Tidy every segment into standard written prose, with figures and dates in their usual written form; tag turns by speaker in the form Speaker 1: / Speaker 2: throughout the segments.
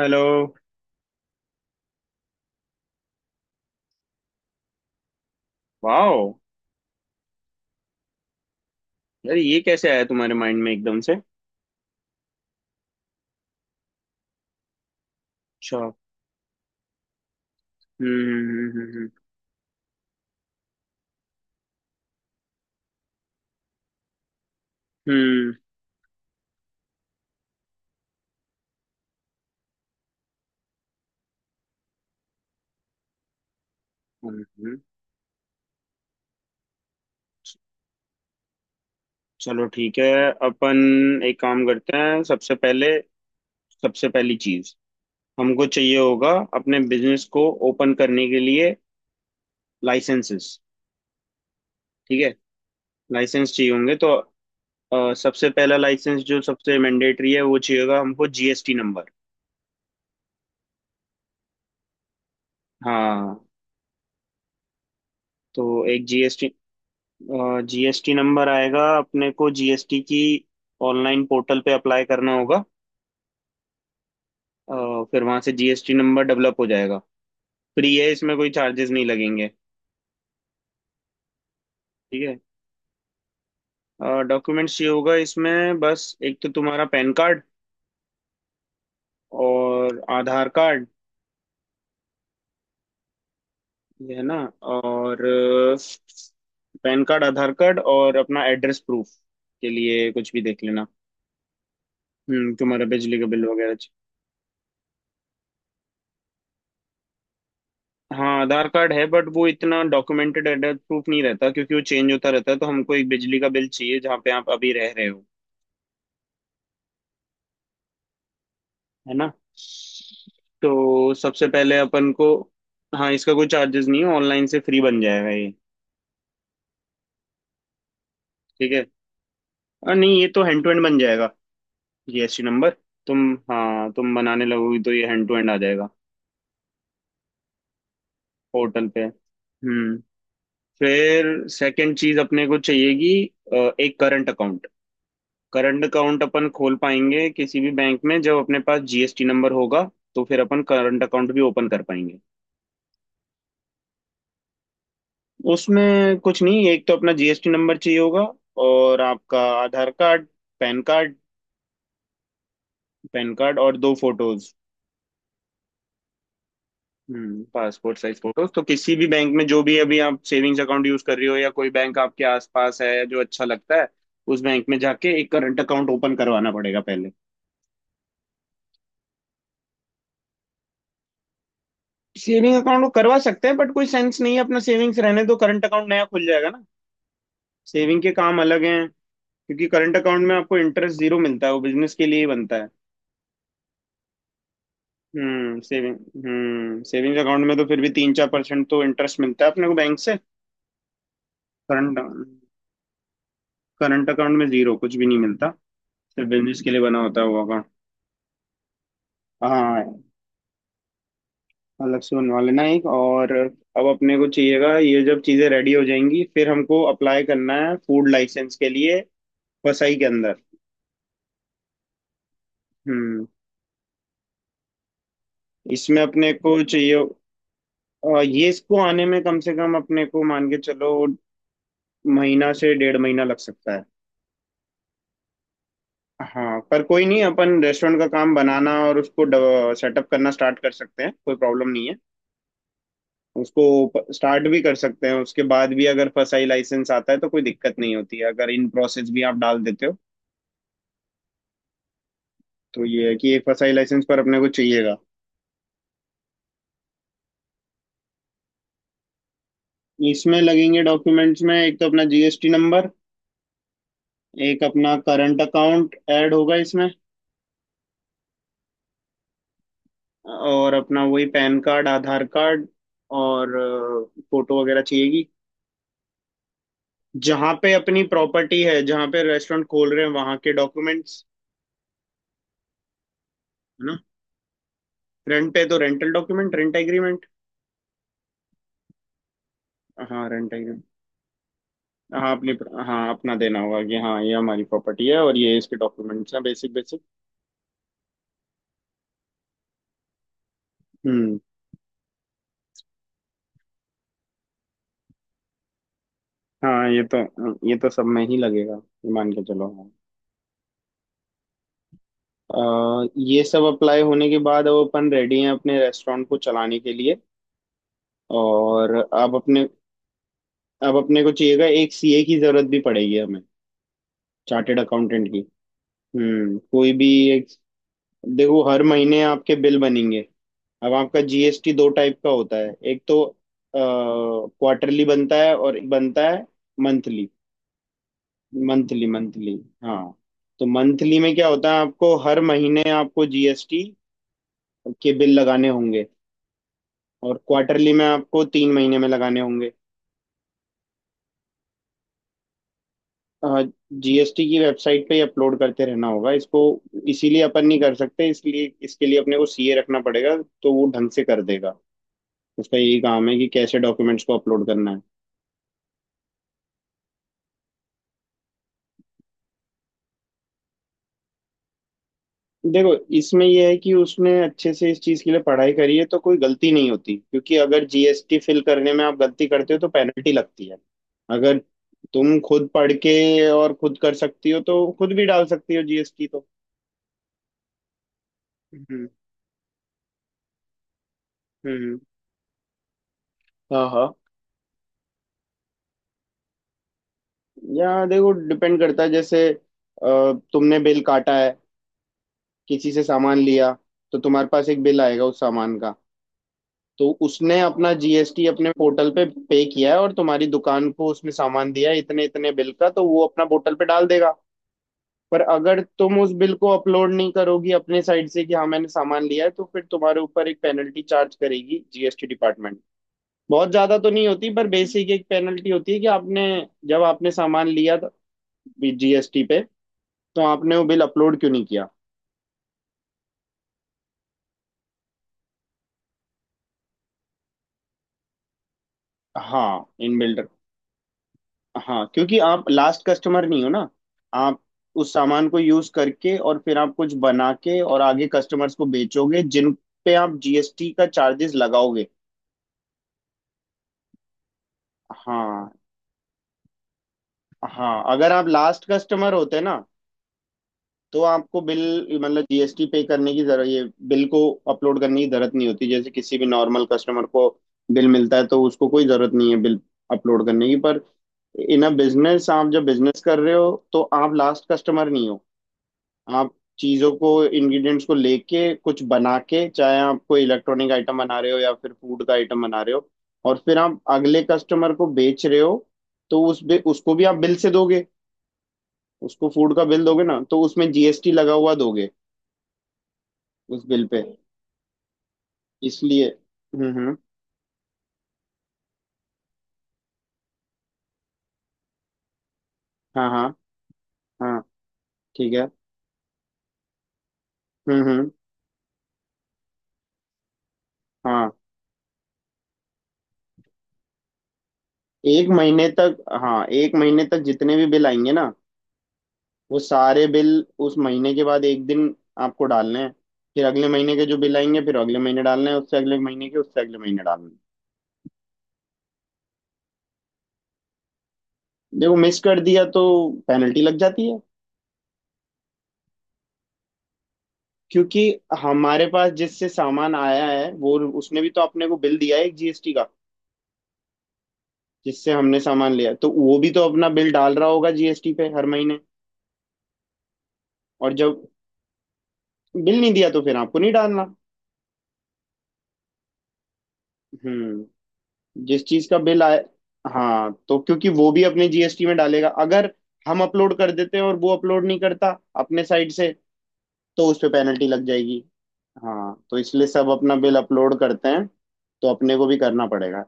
Speaker 1: Hello. Wow, यार ये कैसे आया तुम्हारे माइंड में एकदम से? अच्छा। हम्म। हम्म हम्म। हम्म, चलो ठीक है। अपन एक काम करते हैं, सबसे पहले सबसे पहली चीज हमको चाहिए होगा अपने बिजनेस को ओपन करने के लिए, लाइसेंसेस। ठीक है, लाइसेंस चाहिए होंगे तो सबसे पहला लाइसेंस जो सबसे मैंडेटरी है वो चाहिए होगा हमको, जीएसटी नंबर। हाँ, तो एक जीएसटी। जीएसटी नंबर आएगा, अपने को जीएसटी की ऑनलाइन पोर्टल पे अप्लाई करना होगा। फिर वहां से जीएसटी नंबर डेवलप हो जाएगा। फ्री है, इसमें कोई चार्जेस नहीं लगेंगे। ठीक है। डॉक्यूमेंट्स ये होगा इसमें, बस एक तो तुम्हारा पैन कार्ड और आधार कार्ड। ये है ना। और पैन कार्ड, आधार कार्ड और अपना एड्रेस प्रूफ के लिए कुछ भी देख लेना। हम्म, तुम्हारा बिजली का बिल वगैरह। हाँ, आधार कार्ड है बट वो इतना डॉक्यूमेंटेड एड्रेस प्रूफ नहीं रहता क्योंकि वो चेंज होता रहता है, तो हमको एक बिजली का बिल चाहिए जहाँ पे आप अभी रह रहे हो। है ना, तो सबसे पहले अपन को। हाँ, इसका कोई चार्जेस नहीं है, ऑनलाइन से फ्री बन जाएगा ये। ठीक है, और नहीं, ये तो हैंड टू हैंड बन जाएगा जीएसटी नंबर। तुम, हाँ तुम बनाने लगोगी तो ये हैंड टू हैंड आ जाएगा पोर्टल पे। हम्म। फिर सेकंड चीज अपने को चाहिएगी, एक करंट अकाउंट। करंट अकाउंट अपन खोल पाएंगे किसी भी बैंक में जब अपने पास जीएसटी नंबर होगा, तो फिर अपन करंट अकाउंट भी ओपन कर पाएंगे। उसमें कुछ नहीं, एक तो अपना जीएसटी नंबर चाहिए होगा और आपका आधार कार्ड, पैन कार्ड, और दो फोटोज। हम्म, पासपोर्ट साइज फोटोज तो किसी भी बैंक में जो भी अभी आप सेविंग्स अकाउंट यूज कर रही हो, या कोई बैंक आपके आसपास है जो अच्छा लगता है उस बैंक में जाके एक करंट अकाउंट ओपन करवाना पड़ेगा पहले। सेविंग अकाउंट को करवा सकते हैं बट कोई सेंस नहीं है, अपना सेविंग्स रहने दो, करंट अकाउंट नया खुल जाएगा ना। सेविंग के काम अलग हैं, क्योंकि करंट अकाउंट में आपको इंटरेस्ट जीरो मिलता है, वो बिजनेस के लिए ही बनता है। सेविंग। हम्म, सेविंग्स अकाउंट में तो फिर भी तीन चार परसेंट तो इंटरेस्ट मिलता है अपने को बैंक से। करंट करंट अकाउंट में जीरो कुछ भी नहीं मिलता, सिर्फ बिजनेस के लिए बना होता है वो अकाउंट। हाँ, अलग से बनवा लेना एक। और अब अपने को चाहिएगा ये, जब चीजें रेडी हो जाएंगी फिर हमको अप्लाई करना है फूड लाइसेंस के लिए, वसई के अंदर। हम्म, इसमें अपने को चाहिए, ये इसको आने में कम से कम अपने को मान के चलो महीना से डेढ़ महीना लग सकता है। हाँ पर कोई नहीं, अपन रेस्टोरेंट का काम बनाना और उसको सेटअप करना स्टार्ट कर सकते हैं, कोई प्रॉब्लम नहीं है। उसको स्टार्ट भी कर सकते हैं, उसके बाद भी अगर फसाई लाइसेंस आता है तो कोई दिक्कत नहीं होती है अगर इन प्रोसेस भी आप डाल देते हो। तो ये है कि एक फसाई लाइसेंस पर अपने को चाहिएगा। इसमें लगेंगे डॉक्यूमेंट्स में एक तो अपना जीएसटी नंबर, एक अपना करंट अकाउंट ऐड होगा इसमें, और अपना वही पैन कार्ड, आधार कार्ड और फोटो वगैरह चाहिएगी। जहां पे अपनी प्रॉपर्टी है, जहां पे रेस्टोरेंट खोल रहे हैं, वहां के डॉक्यूमेंट्स। है ना, रेंट पे तो रेंटल डॉक्यूमेंट, रेंट एग्रीमेंट। हाँ, रेंट एग्रीमेंट। हाँ अपनी हाँ अपना देना होगा कि हाँ ये हमारी प्रॉपर्टी है और ये इसके डॉक्यूमेंट्स हैं, बेसिक बेसिक। हम्म। हाँ ये तो सब में ही लगेगा, ये मान के चलो हाँ। ये सब अप्लाई होने के बाद अब अपन रेडी हैं अपने रेस्टोरेंट को चलाने के लिए। और अब अपने को चाहिएगा एक सीए की जरूरत भी पड़ेगी हमें, चार्टेड अकाउंटेंट की। हम्म, कोई भी एक। देखो हर महीने आपके बिल बनेंगे। अब आपका जीएसटी दो टाइप का होता है, एक तो क्वार्टरली बनता है और एक बनता है मंथली। Monthly, monthly. हाँ, तो मंथली में क्या होता है, आपको हर महीने आपको जीएसटी के बिल लगाने होंगे, और क्वार्टरली में आपको तीन महीने में लगाने होंगे। जीएसटी की वेबसाइट पे ही अपलोड करते रहना होगा इसको, इसीलिए अपन नहीं कर सकते, इसलिए इसके लिए अपने को सीए रखना पड़ेगा, तो वो ढंग से कर देगा। उसका यही काम है कि कैसे डॉक्यूमेंट्स को अपलोड करना है। देखो इसमें यह है कि उसने अच्छे से इस चीज़ के लिए पढ़ाई करी है तो कोई गलती नहीं होती, क्योंकि अगर जीएसटी फिल करने में आप गलती करते हो तो पेनल्टी लगती है। अगर तुम खुद पढ़ के और खुद कर सकती हो तो खुद भी डाल सकती हो जीएसटी, तो हम्म हम्म। हाँ हाँ। या देखो डिपेंड करता है, जैसे तुमने बिल काटा है किसी से सामान लिया, तो तुम्हारे पास एक बिल आएगा उस सामान का। तो उसने अपना जीएसटी अपने पोर्टल पे पे किया है और तुम्हारी दुकान को उसमें सामान दिया है इतने इतने बिल का, तो वो अपना पोर्टल पे डाल देगा। पर अगर तुम उस बिल को अपलोड नहीं करोगी अपने साइड से, कि हाँ मैंने सामान लिया है, तो फिर तुम्हारे ऊपर एक पेनल्टी चार्ज करेगी जीएसटी डिपार्टमेंट। बहुत ज्यादा तो नहीं होती पर बेसिक एक पेनल्टी होती है कि आपने, जब आपने सामान लिया था जीएसटी पे, तो आपने वो बिल अपलोड क्यों नहीं किया। हाँ इन बिल्डर। हाँ, क्योंकि आप लास्ट कस्टमर नहीं हो ना, आप उस सामान को यूज करके और फिर आप कुछ बना के और आगे कस्टमर्स को बेचोगे जिन पे आप जीएसटी का चार्जेस लगाओगे। हाँ, हाँ अगर आप लास्ट कस्टमर होते ना, तो आपको बिल, मतलब जीएसटी पे करने की जरूरत, ये बिल को अपलोड करने की जरूरत नहीं होती, जैसे किसी भी नॉर्मल कस्टमर को बिल मिलता है तो उसको कोई जरूरत नहीं है बिल अपलोड करने की। पर इन अ बिजनेस, आप जब बिजनेस कर रहे हो तो आप लास्ट कस्टमर नहीं हो, आप चीज़ों को इंग्रेडिएंट्स को लेके कुछ बना के, चाहे आप कोई इलेक्ट्रॉनिक आइटम बना रहे हो या फिर फूड का आइटम बना रहे हो, और फिर आप अगले कस्टमर को बेच रहे हो। तो उसको भी आप बिल से दोगे। उसको फूड का बिल दोगे ना, तो उसमें जीएसटी लगा हुआ दोगे उस बिल पे। इसलिए हम्म। हाँ हाँ हाँ। ठीक है। हम्म। हाँ, एक महीने तक। हाँ, एक महीने तक जितने भी बिल आएंगे ना, वो सारे बिल उस महीने के बाद एक दिन आपको डालने हैं। फिर अगले महीने के जो बिल आएंगे फिर अगले महीने डालने हैं, उससे अगले महीने के उससे अगले महीने डालने हैं। देखो मिस कर दिया तो पेनल्टी लग जाती है। क्योंकि हमारे पास जिससे सामान आया है वो उसने भी तो अपने को बिल दिया है एक जीएसटी का, जिससे हमने सामान लिया, तो वो भी तो अपना बिल डाल रहा होगा जीएसटी पे हर महीने। और जब बिल नहीं दिया तो फिर आपको नहीं डालना। हम्म, जिस चीज का बिल आए। हाँ, तो क्योंकि वो भी अपने जीएसटी में डालेगा अगर हम अपलोड कर देते हैं, और वो अपलोड नहीं करता अपने साइड से, तो उस पे पेनल्टी लग जाएगी। हाँ, तो इसलिए सब अपना बिल अपलोड करते हैं, तो अपने को भी करना पड़ेगा।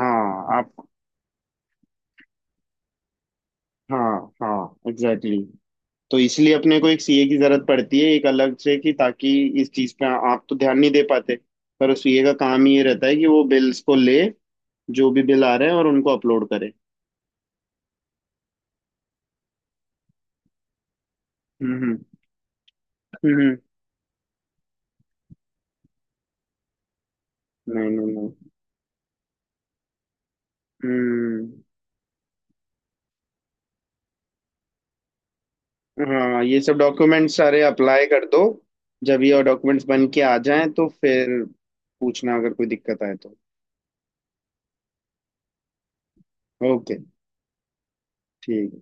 Speaker 1: हाँ आप। हाँ हाँ एग्जैक्टली exactly. तो इसलिए अपने को एक सीए की जरूरत पड़ती है एक अलग से, कि ताकि इस चीज पे आप तो ध्यान नहीं दे पाते, पर उस सीए का काम ही ये रहता है कि वो बिल्स को ले जो भी बिल आ रहे हैं और उनको अपलोड करे। हम्म। हम्म, हम्म। नहीं नहीं नहीं। हम्म। हाँ, ये सब डॉक्यूमेंट्स सारे अप्लाई कर दो, जब ये डॉक्यूमेंट्स बन के आ जाएं तो फिर पूछना अगर कोई दिक्कत आए तो। ओके, ठीक है।